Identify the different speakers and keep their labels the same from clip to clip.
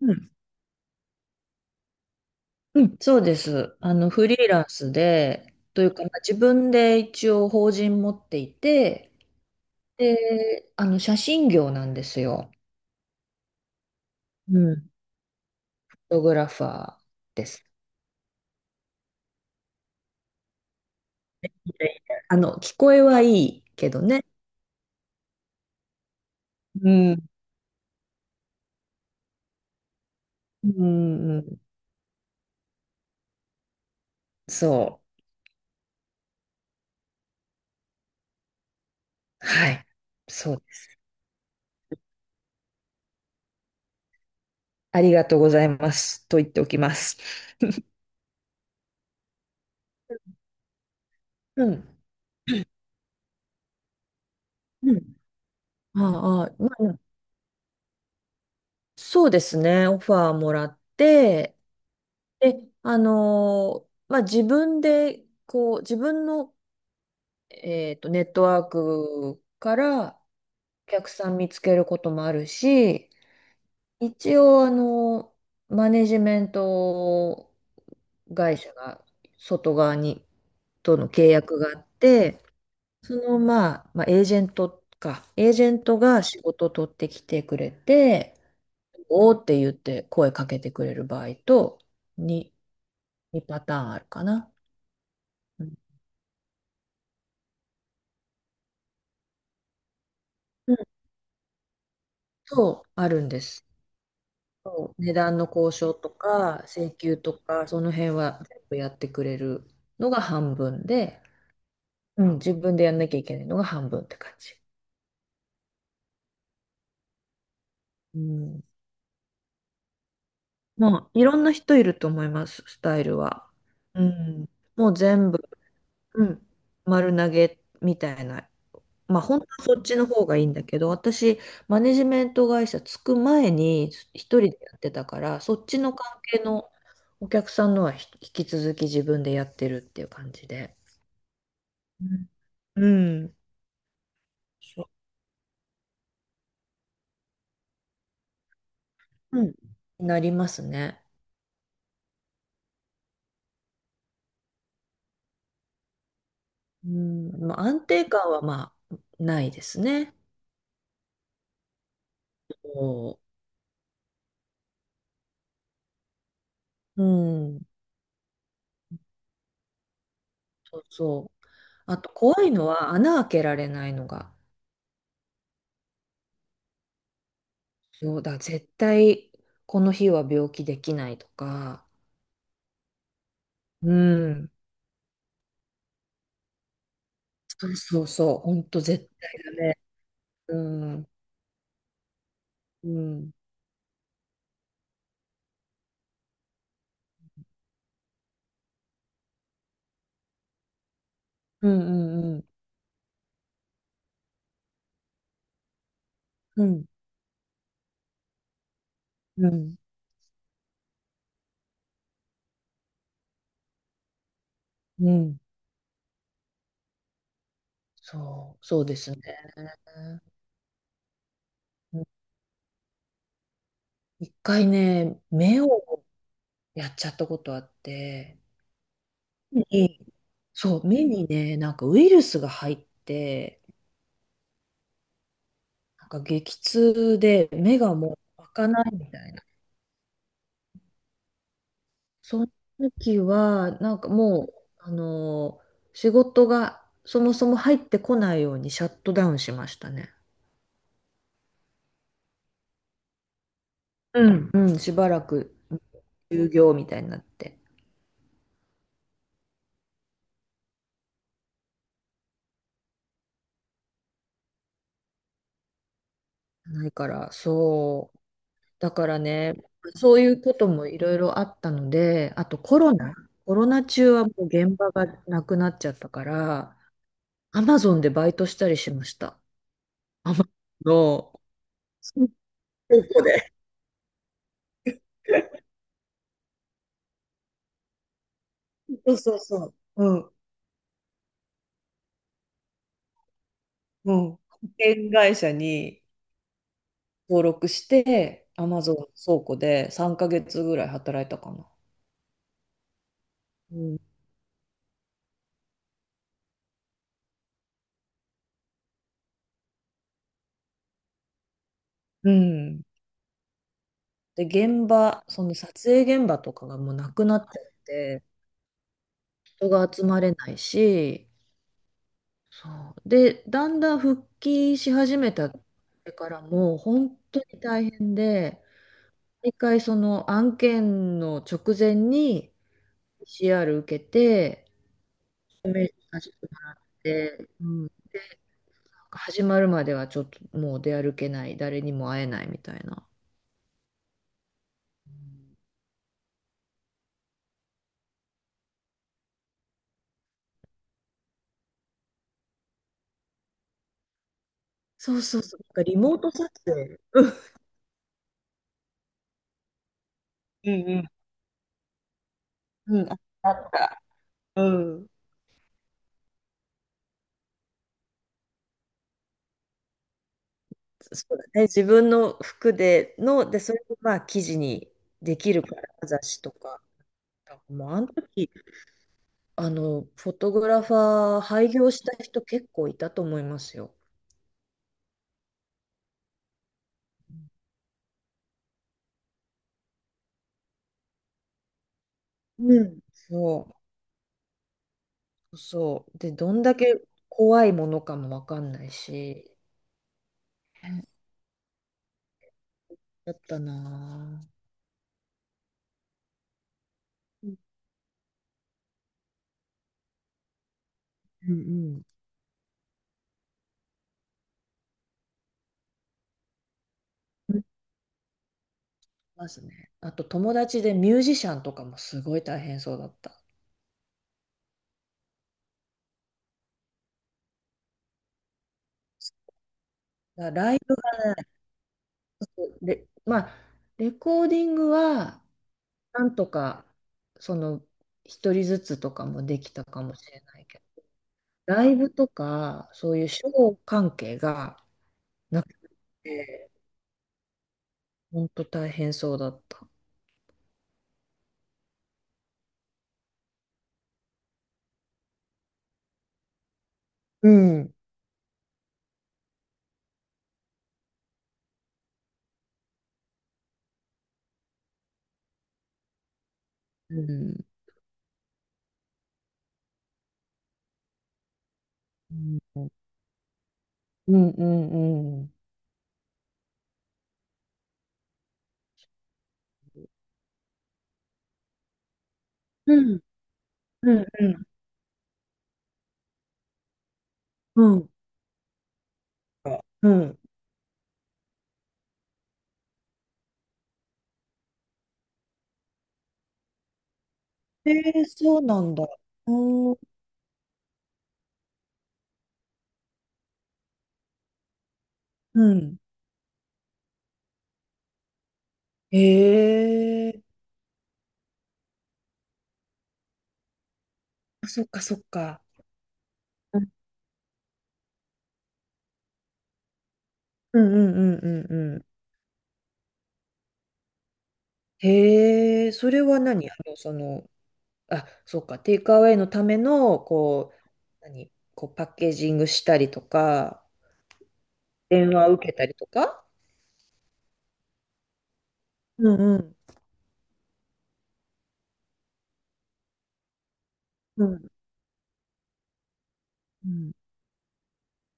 Speaker 1: うん、うんそうです。あの、フリーランスで、というか、まあ自分で一応法人持っていて、で、あの、写真業なんですよ。うん。フォトグラファー。であの、聞こえはいいけどね。うん。うん、うんそう。はい。そうです。ありがとうございます。と言っておきます。うん。うん。ああ、まあ、そうですね。オファーもらって、で、まあ、自分で、こう、自分の、ネットワークからお客さん見つけることもあるし、一応、マネジメント会社が外側に、との契約があって、その、まあ、まあ、エージェントか、エージェントが仕事を取ってきてくれて、おーって言って声かけてくれる場合と、2、2パターンあるかな。うんそう、あるんです。そう、値段の交渉とか、請求とか、その辺は全部やってくれるのが半分で、うん、自分でやんなきゃいけないのが半分って感じ。うん。まあ、いろんな人いると思います、スタイルは。うん。もう全部、うん、丸投げみたいな、まあ本当はそっちの方がいいんだけど、私、マネジメント会社つく前に一人でやってたから、そっちの関係のお客さんのは引き続き自分でやってるっていう感じで。うん。うんそう、うんなりますね。うん。まあ安定感はまあないですね。そう。うん。そうそう。あと怖いのは穴開けられないのが。そうだ、絶対この日は病気できないとか。うん、そうそうそう、ほんと絶対だね。うん、うん、うん、うん、うん、うん、うん、そう、そうですね。うん、一回ね、目をやっちゃったことあって、目にそう、目にね、なんかウイルスが入って、なんか激痛で目がもう開かないみたいな。その時は、なんかもう、仕事がそもそも入ってこないようにシャットダウンしましたね。うんうん、しばらく休業みたいになってないから、そう。だからね、そういうこともいろいろあったので、あとコロナ中はもう現場がなくなっちゃったから、アマゾンでバイトしたりしました。アマゾンのそうそうそう。うん。うん。保険会社に登録して、アマゾン倉庫で3ヶ月ぐらい働いたかな。うんうん。で、その撮影現場とかがもうなくなっちゃって、人が集まれないし、そう。で、だんだん復帰し始めたからもう本当に大変で、一回その案件の直前に PCR 受けて、メールさせてもらって、うん、なんか始まるまではちょっともう出歩けない、誰にも会えないみたいな。うんそうそうそう、なんかリモート撮影。うんうん。うん、ああった。うん。そうだね、自分の服での、で、それをまあ記事にできるから、雑誌とか。もうあの時、あの、フォトグラファー廃業した人結構いたと思いますよ。うん。そう、そう。で、どんだけ怖いものかもわかんないし、だったなぁ。うんうんうんますね。あと友達でミュージシャンとかもすごい大変そうだった。だからライブ、レまあ、レコーディングはなんとか、その、一人ずつとかもできたかもしれないけど、ライブとか、そういうショー関係がなくて、本当大変そうだった。うん。うん。うん、うん、うん。うんうん、うん、うん。うんうん。えー、そうなんだ。うん、うん。へえ、あそっかそっか。うんうんうんうんうん。うんへえ、それは何あの、その、あ、そうか、テイクアウェイのための、こう、何、こうパッケージングしたりとか、電話を受けたりとか。うんうんうんうん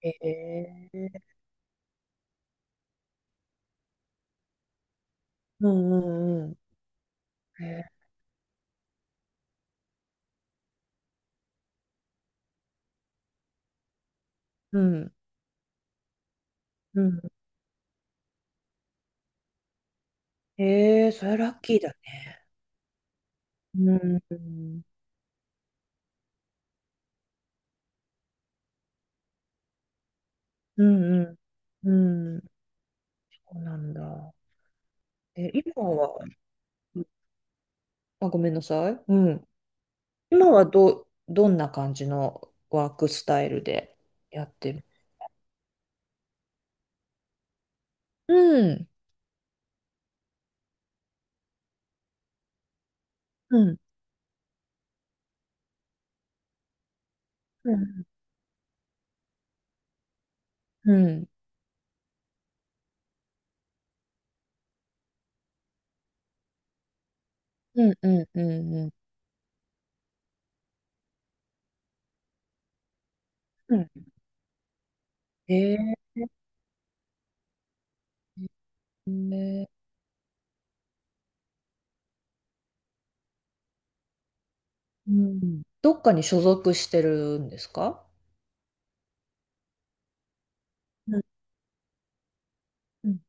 Speaker 1: へえうんうんうんへえ。うん。うんへえそれラッキーだね。うんうんうんうんそうなんだ。え、今は、あ、ごめんなさい。うん。今はどんな感じのワークスタイルでやってる？うんうんうんうん。うんうんうんうん。うん。へえ。ねうん。どっかに所属してるんですか？うんうん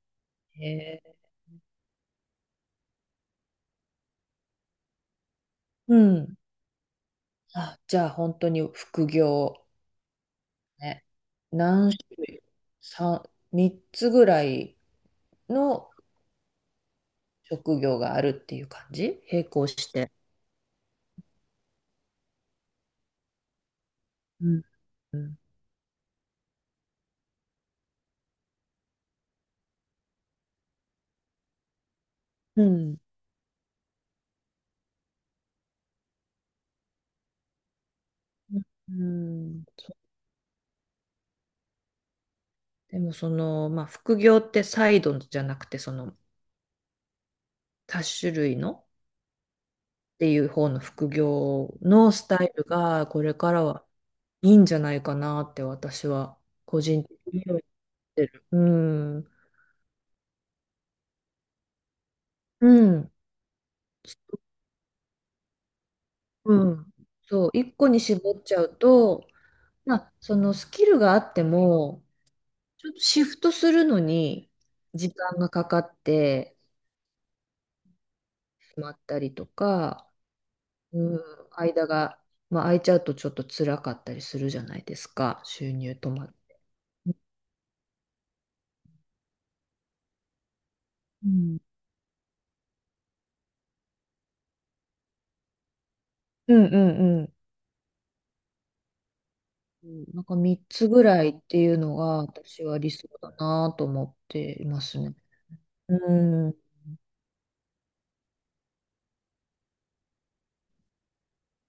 Speaker 1: へえ。うん。あ、じゃあ本当に副業ね。何種類 ?3、三つぐらいの職業があるっていう感じ並行して。うんうんうんうんそう、でもその、まあ、副業ってサイドじゃなくてその多種類のっていう方の副業のスタイルがこれからはいいんじゃないかなって私は個人的には言ってる。うん。うん。うん。そう、一個に絞っちゃうと、まあ、そのスキルがあっても、ちょっとシフトするのに時間がかかってしまったりとか、うん、間が、まあ、空いちゃうとちょっと辛かったりするじゃないですか、収入止まって。うんうんうんうん。うんなんか3つぐらいっていうのが私は理想だなと思っていますね。うん。う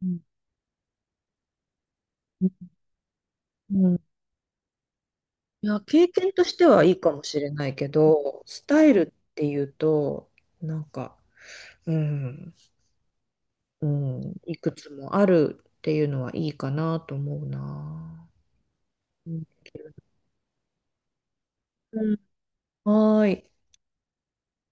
Speaker 1: んうん、いや、経験としてはいいかもしれないけど、スタイルっていうと、なんか、うん、うん、いくつもあるっていうのはいいかなと思うな。うん、うんはーい。